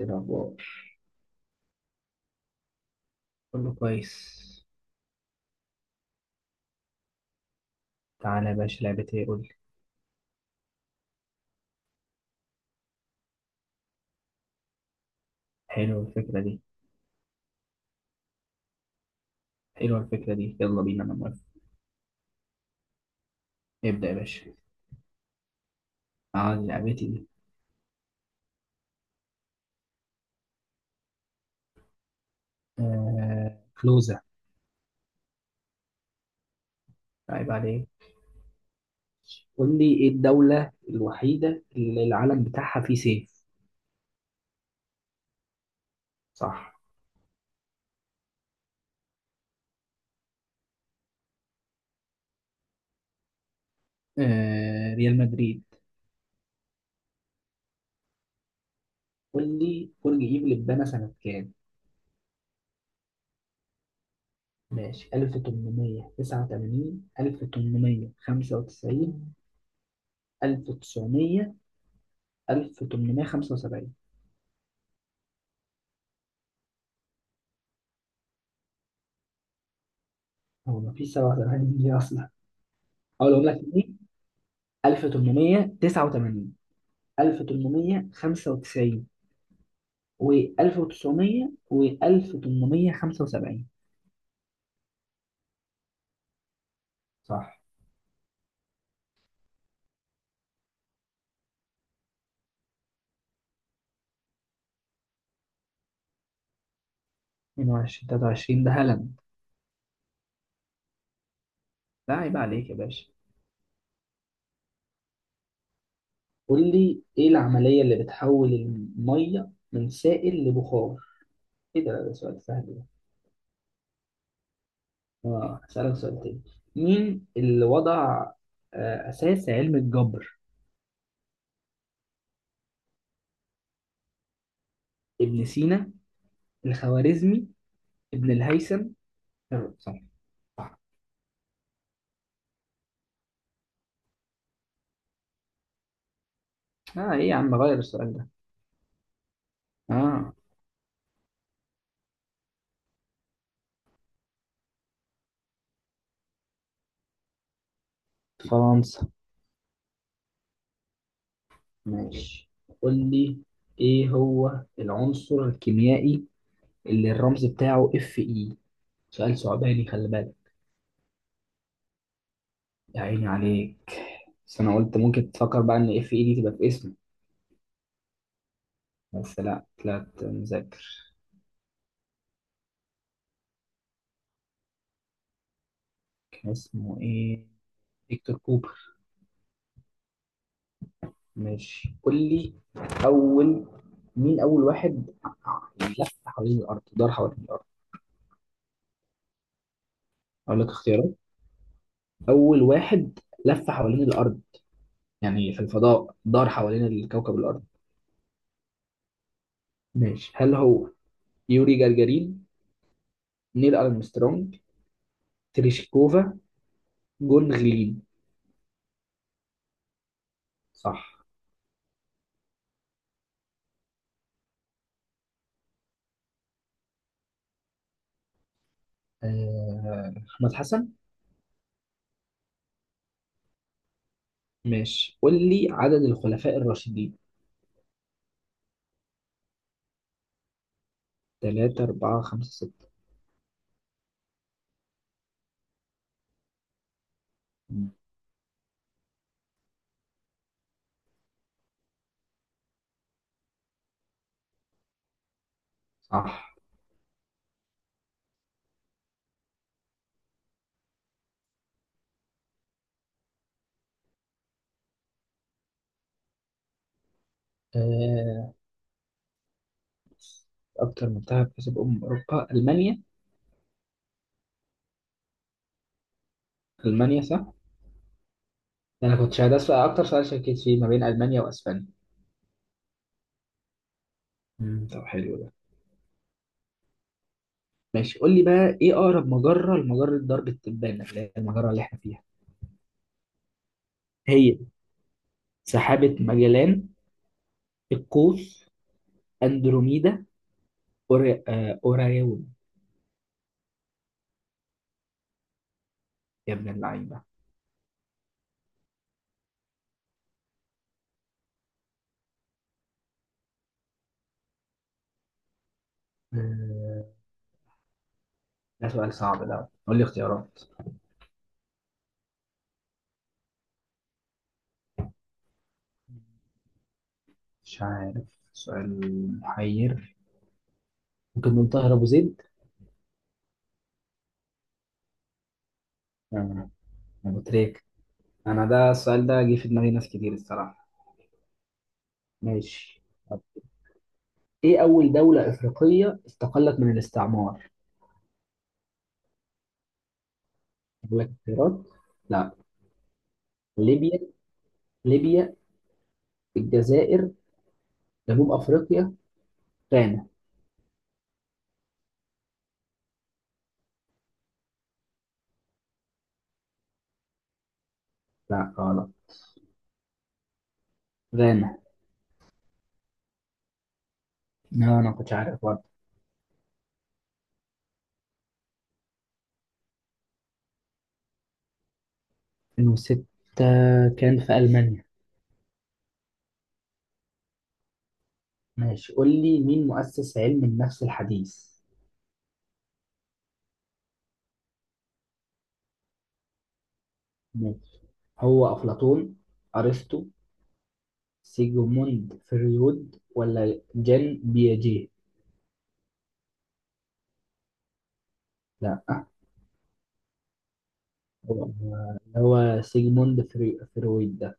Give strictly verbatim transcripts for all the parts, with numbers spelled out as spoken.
إيه الأخبار؟ كله كويس. تعالى يا باشا، لعبة ايه؟ قول لي. حلوة الفكرة دي. حلوة الفكرة دي، يلا بينا، انا موافق. ابدأ يا باشا. عاد لعبتي دي. آه... كلوزة. عيب عليك. قول لي، إيه الدولة الوحيدة اللي العلم بتاعها فيه سيف؟ صح. آه... ريال مدريد. قول لي، برج إيفل اتبنى سنة كام؟ ماشي، ألف تمنمية تسعة وتمانين، ألف تمنمية خمسة وتسعين، ألف تسعمية، ألف تمنمية خمسة وسبعين. هو مفيش سبعة وتسعين دي أصلا. اقولهم لك تاني. ألف تمنمية تسعة وتمانين، ألف تمنمية خمسة وتسعين، و1900، و1875. صح. اتنين وعشرين، تلاتة وعشرين، ده هلم. لا، عيب عليك يا باشا. قول لي، ايه العملية اللي بتحول المية من سائل لبخار؟ ايه ده ده سؤال سهل ده. اه، هسألك سؤال تاني. مين اللي وضع آه، أساس علم الجبر؟ ابن سينا، الخوارزمي، ابن الهيثم. الر- صح. صح. اه، ايه يا عم، غير السؤال ده. اه. فرنسا. ماشي. قول لي، ايه هو العنصر الكيميائي اللي الرمز بتاعه اف اي؟ سؤال صعباني، خلي بالك. يا عيني عليك. بس انا قلت ممكن تفكر بقى ان اف اي دي تبقى في اسمه. بس لا، طلعت مذاكر. كان اسمه ايه؟ فيكتور كوبر. ماشي، قول لي اول مين اول واحد يعني لف حوالين الارض، دار حوالين الارض؟ اقول لك اختيارات. اول واحد لف حوالين الارض، يعني في الفضاء دار حوالين الكوكب الارض. ماشي، هل هو يوري جagarin، نيل أرمسترونج، تريشكوفا، جون غلين؟ صح. آه، أحمد حسن. ماشي، قول لي عدد الخلفاء الراشدين. تلاتة، أربعة، خمسة، ستة. مم. صح. آه، أكتر منتخب كسب أمم أوروبا ألمانيا. ألمانيا، صح. أنا كنت شايف ده السؤال- أكتر سؤال شكيت فيه ما بين ألمانيا وأسبانيا. مم، طب حلو ده. ماشي، قول لي بقى، إيه أقرب مجرة لمجرة درب التبانة اللي هي المجرة اللي إحنا فيها؟ هي سحابة ماجلان، القوس، اندروميدا، أوري... آه، اوراريون. يا ابن اللعيبه. آه، ده سؤال صعب ده. قول لي اختيارات. مش عارف، سؤال محير، ممكن نقول طاهر ابو زيد. آه، ابو تريك. انا ده السؤال ده جه في دماغي ناس كتير الصراحه. ماشي. طب، ايه اول دوله افريقيه استقلت من الاستعمار؟ اقول لك اختيارات. لا. ليبيا ليبيا، الجزائر، جنوب افريقيا، غانا. لا غلط، غانا. لا، انا ما كنتش عارف. ألفين وستة كان في ألمانيا. ماشي، قول لي مين مؤسس علم النفس الحديث؟ ماشي، هو أفلاطون، أرسطو، سيجموند فريود، ولا جان بياجيه؟ لا. هو هو سيجموند فري... فرويد ده.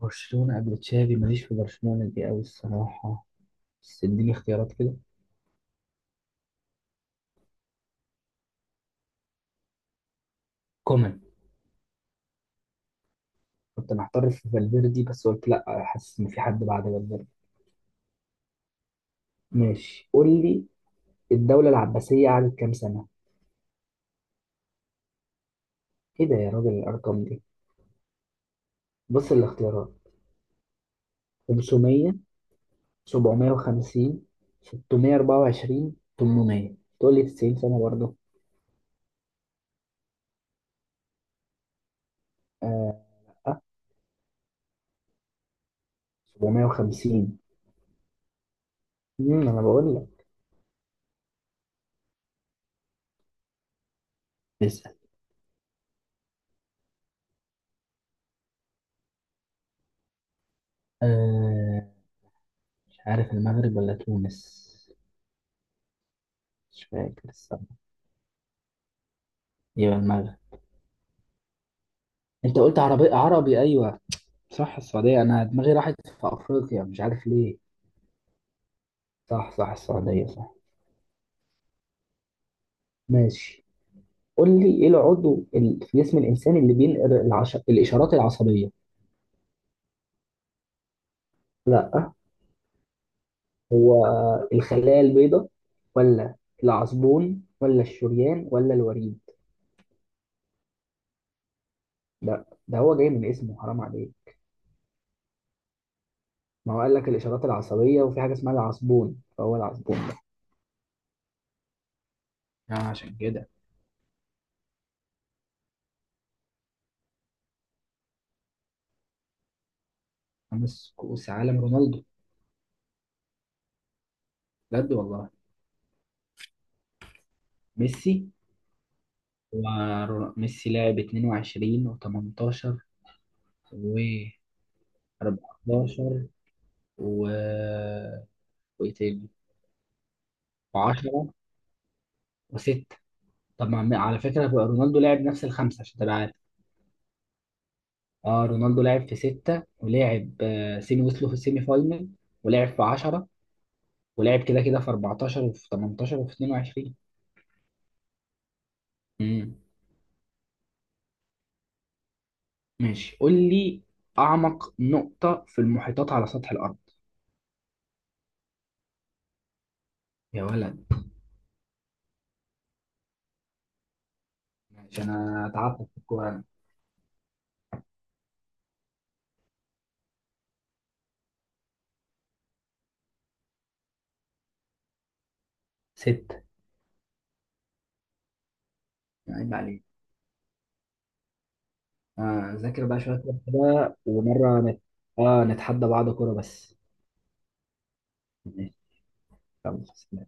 برشلونة قبل تشافي، ماليش في برشلونة دي أوي الصراحة. بس اديني اختيارات كده. كومان. كنت محتار في فالفيردي، بس قلت لا، حاسس إن في حد بعد فالفيردي. ماشي، قول لي، الدولة العباسية قعدت كام سنة؟ ايه ده يا راجل، الارقام دي. بص الاختيارات. خمسمية، سبعمية وخمسين، ستمية أربعة وعشرين، تمنمية، تقول لي تسعين سنة برضه؟ اه. سبعمية وخمسين. امم انا بقول لك. اسأل. آه مش عارف، المغرب ولا تونس؟ مش فاكر الصراحة. يبقى المغرب. انت قلت عربي عربي، ايوه. صح، السعودية، انا دماغي راحت في افريقيا، مش عارف ليه. صح، صح، السعودية، صح. ماشي. قول لي، ايه العضو ال- في جسم الانسان اللي بينقل العش... الاشارات العصبية؟ لا. هو الخلايا البيضاء، ولا العصبون، ولا الشريان، ولا الوريد؟ ده ده هو جاي من اسمه، حرام عليك. ما هو قال لك الإشارات العصبية، وفي حاجة اسمها العصبون، فهو العصبون ده. يعني عشان كده. خمس كؤوس عالم، رونالدو؟ بجد والله. ميسي. وميسي لعب اتنين وعشرين، و18، و14، و وايه تاني؟ و10، و6. طب، ما عم- على فكرة بقى رونالدو لعب نفس الخمسة عشان تبقى عارف. اه، رونالدو لعب في ستة، ولعب آه، سيمي، وصلوا في السيمي فاينل. ولعب في عشرة. ولعب كده كده في أربعتاشر، وفي تمنتاشر، وفي اتنين وعشرين. امم. ماشي، قول لي أعمق نقطة في المحيطات على سطح الأرض؟ يا ولد. ماشي، أنا تعبت في الكورة أنا. ستة. عيب عليك. آه ذاكر بقى شوية كورة كده، ومرة نت... آه نتحدى بعض كورة بس. ماشي. يلا، سلام.